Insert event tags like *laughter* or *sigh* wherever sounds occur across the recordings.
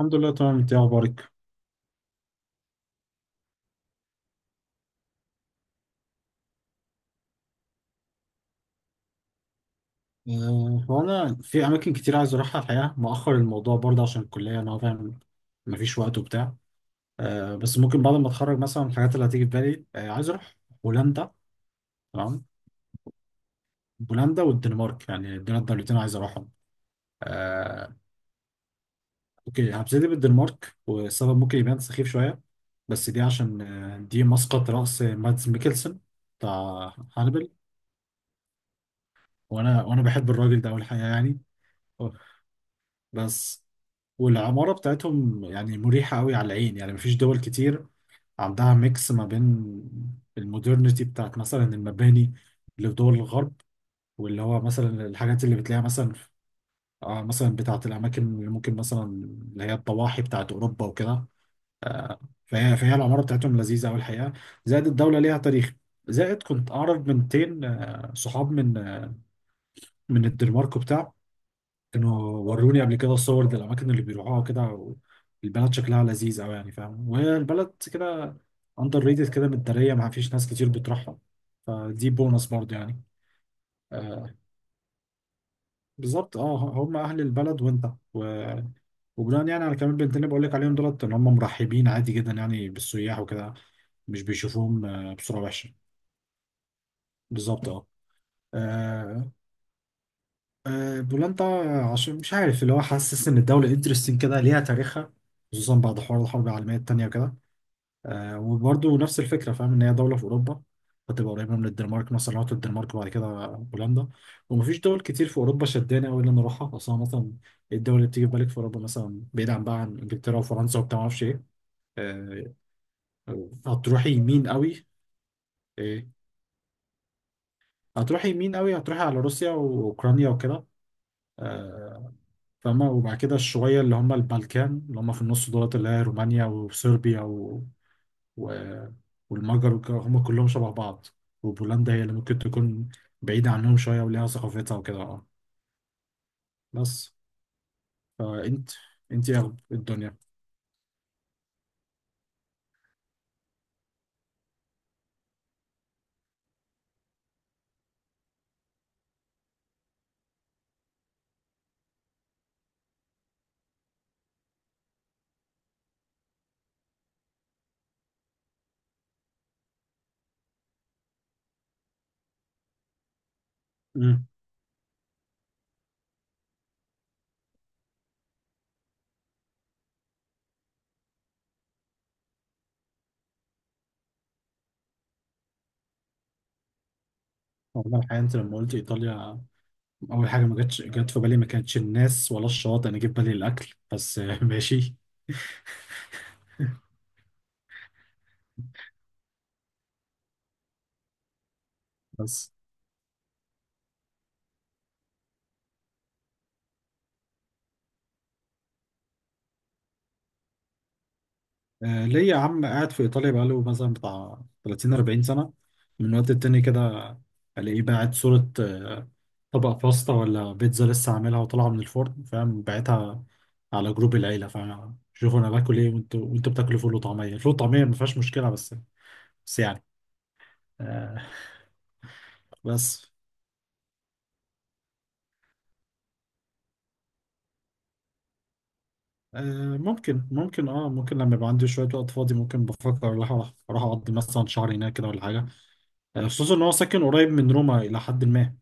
الحمد لله، تمام. انت ايه اخبارك؟ هو انا في اماكن كتير عايز اروحها الحقيقه، مؤخر الموضوع برضه عشان الكليه. انا فاهم، مفيش وقت وبتاع. بس ممكن بعد ما اتخرج مثلا الحاجات اللي هتيجي في بالي عايز اروح هولندا. تمام. هولندا والدنمارك، يعني دول الدولتين عايز اروحهم آه اوكي، هبتدي بالدنمارك، والسبب ممكن يبان سخيف شويه بس دي عشان دي مسقط رأس مادز ميكلسن، بتاع هانبل. وانا بحب الراجل ده، اول حاجه يعني. أوه. بس. والعمارة بتاعتهم يعني مريحة قوي على العين، يعني مفيش دول كتير عندها ميكس ما بين المودرنيتي بتاعت مثلا المباني اللي في دول الغرب، واللي هو مثلا الحاجات اللي بتلاقيها مثلا مثلا بتاعت الأماكن اللي ممكن مثلا اللي هي الضواحي بتاعت أوروبا وكده آه فهي العمارة بتاعتهم لذيذة أوي الحقيقة. زائد الدولة ليها تاريخ. زائد كنت أعرف بنتين صحاب من من الدنمارك وبتاع. كانوا وروني قبل كده الصور دي، الأماكن اللي بيروحوها كده. البلد شكلها لذيذ أوي يعني، فاهم، وهي البلد كده أندر ريتد كده، متدارية، ما فيش ناس كتير بتروحها، فدي بونص برضه يعني آه بالظبط، اه، هم أهل البلد وأنت و... وبناء يعني على كلام البنتين اللي بقول لك عليهم دولت، إن هم مرحبين عادي جدا يعني بالسياح وكده، مش بيشوفوهم بصورة وحشة. بالظبط، اه. آه، بولندا عشان مش عارف، اللي هو حاسس ان الدوله انترستنج كده، ليها تاريخها، خصوصا بعد حوار الحرب العالميه التانيه وكده. وبرضه نفس الفكره، فاهم، ان هي دوله في اوروبا، فتبقى قريبه من الدنمارك، مثلا لو رحت الدنمارك وبعد كده بولندا. ومفيش دول كتير في اوروبا شداني قوي ان انا اروحها اصلا. مثلا الدول اللي بتيجي في بالك في اوروبا، مثلا بعيد عن بقى عن انجلترا وفرنسا وبتاع ما اعرفش ايه آه، هتروحي يمين قوي. إيه؟ هتروحي يمين قوي، هتروحي على روسيا واوكرانيا وكده آه، فاهمة، وبعد كده الشوية اللي هم البلكان اللي هم في النص دولت، اللي هي رومانيا وصربيا و... والمجر هم كلهم شبه بعض، وبولندا هي اللي ممكن تكون بعيدة عنهم شوية وليها ثقافتها وكده، اه. بس فانت اغلب الدنيا. امم والله الحقيقة انت لما قلت ايطاليا، اول حاجة ما جاتش جت في بالي، ما كانتش الناس ولا الشواطئ، انا جيت بالي الاكل بس. *laughs* ماشي. بس، ليا عم قاعد في إيطاليا بقاله مثلا بتاع 30 40 سنة. من وقت التاني كده ألاقيه باعت صورة طبق باستا ولا بيتزا لسه عاملها وطالعة من الفرن، فاهم، باعتها على جروب العيلة، فاهم، شوفوا أنا باكل إيه وأنتوا بتاكلوا فول وطعمية. الفول والطعمية ما فيهاش مشكلة بس يعني آه، بس. ممكن لما يبقى عندي شوية وقت فاضي ممكن بفكر اروح اروح أروح اقضي مثلا شهر هناك كده ولا حاجة. خصوصا ان هو ساكن قريب من روما الى حد ما.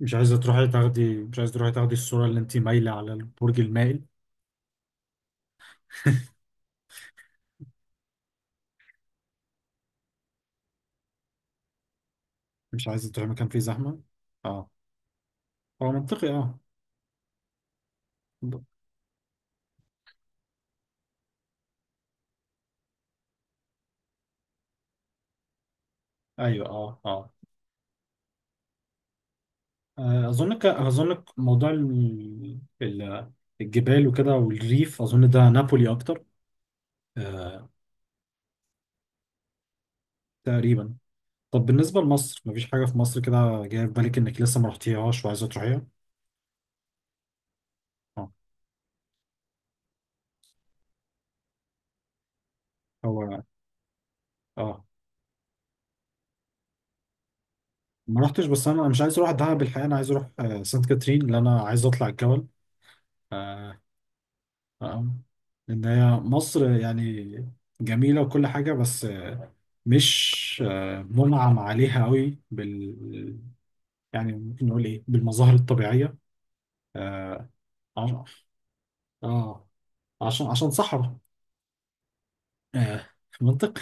مش عايزة تروحي تاخدي الصورة اللي انت مايلة على البرج المائل. مش عايزة تروحي مكان فيه زحمة. اه، هو منطقي، اه. ب- ايوه، اه، اه. اظنك موضوع الجبال وكده والريف، اظن ده نابولي اكتر. آه تقريبا. طب بالنسبة لمصر، مفيش حاجة في مصر كده جاية في بالك انك لسه ما رحتيهاش وعايزة تروحيها؟ اه، هو، اه ما رحتش، بس انا مش عايز اروح دهب الحقيقة. انا عايز اروح سانت كاترين، لان انا عايز اطلع الجبل. آه، آه. ان هي مصر يعني جميله وكل حاجه، بس مش منعم عليها قوي بال، يعني ممكن نقول ايه، بالمظاهر الطبيعيه، اه. عش- آه، عشان صحراء. آه، منطق.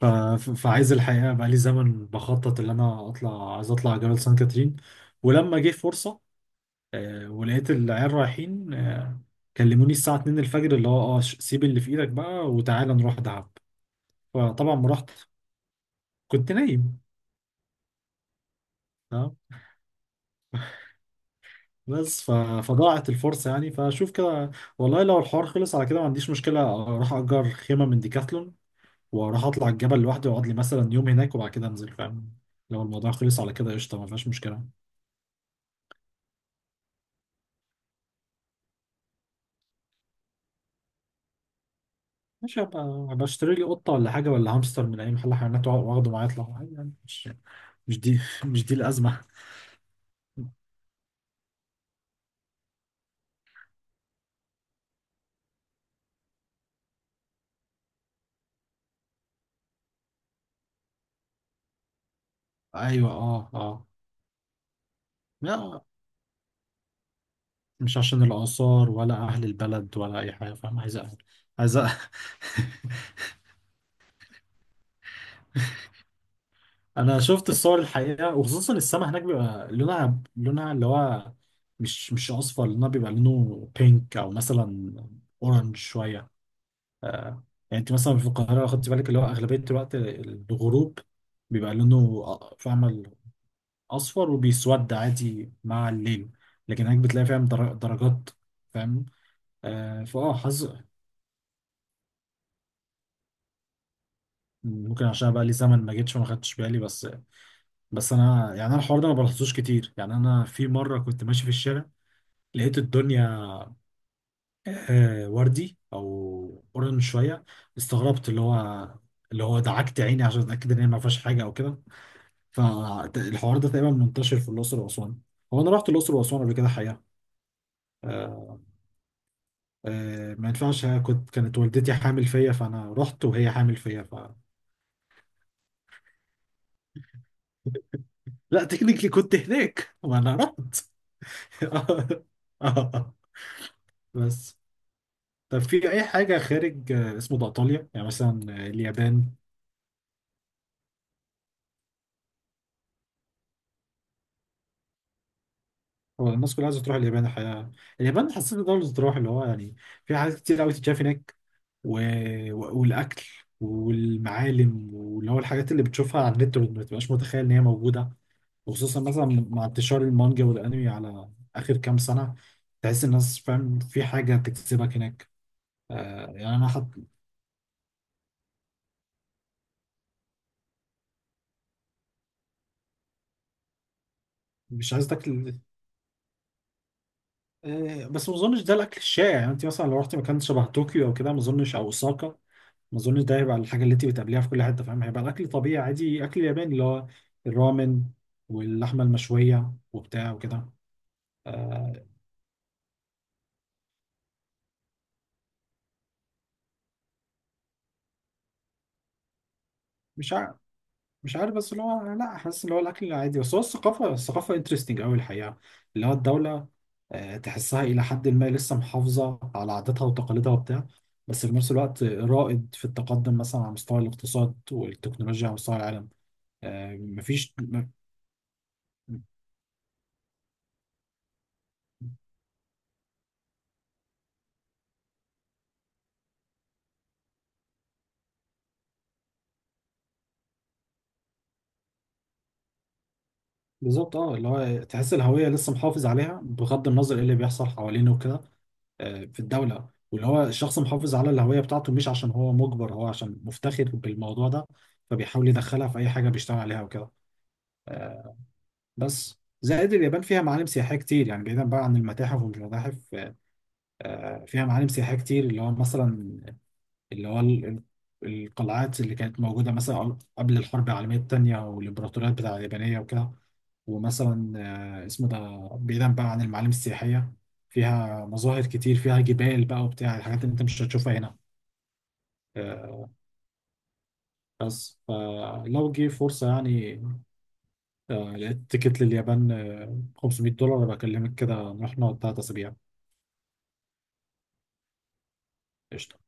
ف- فعايز الحقيقه، بقى لي زمن بخطط ان انا اطلع، عايز اطلع جبل سان كاترين. ولما جه فرصه ولقيت العيال رايحين كلموني الساعه 2 الفجر، اللي هو، اه، سيب اللي في ايدك بقى وتعالى نروح دهب. فطبعا ما رحت، كنت نايم، اه. بس فضاعت الفرصة يعني، فشوف كده. والله لو الحوار خلص على كده، ما عنديش مشكلة اروح اجر خيمة من ديكاثلون واروح اطلع الجبل لوحدي، واقعد لي مثلا يوم هناك وبعد كده انزل، فاهم. لو الموضوع خلص على كده، قشطة، ما فيهاش مشكلة. ماشي، هبقى اشتري لي قطة ولا حاجة ولا هامستر من اي محل حيوانات واخده معايا اطلع عادي، يعني مش، مش دي مش دي الأزمة. ايوه، اه، اه. لا، مش عشان الآثار ولا أهل البلد ولا أي حاجة، فاهم، عايز أهل، عايز. *laughs* انا شفت الصور الحقيقه، وخصوصا السما هناك بيبقى لونها اللي هو مش اصفر. لونها بيبقى لونه بينك او مثلا اورنج شويه آه، يعني انت مثلا في القاهره لو خدت بالك اللي هو اغلبيه الوقت الغروب بيبقى لونه، فاهمه، اصفر وبيسود عادي مع الليل. لكن هناك بتلاقي، فاهم، درجات، فاهم حظ. ممكن عشان بقى لي زمن ما جيتش وما خدتش بالي، بس انا يعني، انا الحوار ده ما بلاحظوش كتير. يعني انا في مره كنت ماشي في الشارع، لقيت الدنيا وردي او اورنج شويه، استغربت اللي هو دعكت عيني عشان اتاكد ان هي ما فيهاش حاجه او كده. فالحوار ده تقريبا منتشر في الاقصر واسوان. هو انا رحت الاقصر واسوان قبل كده حقيقه. آه، ما ينفعش، هي كانت والدتي حامل فيا، فانا رحت وهي حامل فيا، لا، تكنيكلي كنت هناك، وانا رحت. *laughs* آه، آه. بس، طب في اي حاجه خارج اسمه ده، ايطاليا، يعني مثلا اليابان؟ هو الناس كلها عايزه تروح اليابان الحقيقه. اليابان حسيت دوله تروح، اللي هو يعني، في حاجات كتير قوي تتشاف هناك و... والاكل والمعالم واللي هو الحاجات اللي بتشوفها على النت ما بتبقاش متخيل ان هي موجوده. وخصوصا مثلا مع انتشار المانجا والانمي على اخر كام سنه، تحس الناس، فاهم، في حاجه تجذبك هناك. يعني انا مش عايز تاكل. بس ما اظنش ده الاكل الشائع. يعني انت مثلا لو رحت مكان شبه طوكيو او كده ما اظنش، او اوساكا، ما اظنش ده هيبقى الحاجه اللي انت بتقابليها في كل حته، فاهم، هيبقى الاكل طبيعي، عادي، اكل ياباني اللي هو الرامن واللحمه المشويه وبتاع وكده آه مش عارف مش عارف بس، اللي هو، لا، حاسس اللي هو الاكل العادي، بس هو الثقافه انترستنج قوي الحقيقه، اللي هو الدوله تحسها الى حد ما لسه محافظه على عاداتها وتقاليدها وبتاع، بس في نفس الوقت رائد في التقدم مثلا على مستوى الاقتصاد والتكنولوجيا على مستوى العالم. مفيش. بالظبط، اه، اللي هو تحس الهوية لسه محافظ عليها بغض النظر ايه اللي بيحصل حوالينه وكده في الدولة، واللي هو الشخص محافظ على الهوية بتاعته، مش عشان هو مجبر، هو عشان مفتخر بالموضوع ده، فبيحاول يدخلها في أي حاجة بيشتغل عليها وكده. آه، بس زائد اليابان فيها معالم سياحية كتير يعني، بعيدا بقى عن المتاحف ومش متاحف فيها معالم سياحية كتير، اللي هو مثلا، اللي هو القلعات اللي كانت موجودة مثلا قبل الحرب العالمية التانية، والإمبراطوريات بتاع اليابانية وكده. ومثلا اسمه ده، بعيدا بقى عن المعالم السياحية، فيها مظاهر كتير، فيها جبال بقى وبتاع، الحاجات اللي انت مش هتشوفها هنا. آه، بس فلو جه فرصة، يعني لقيت تيكت لليابان 500 دولار، بكلمك كده نروح نقعد 3 أسابيع. قشطة.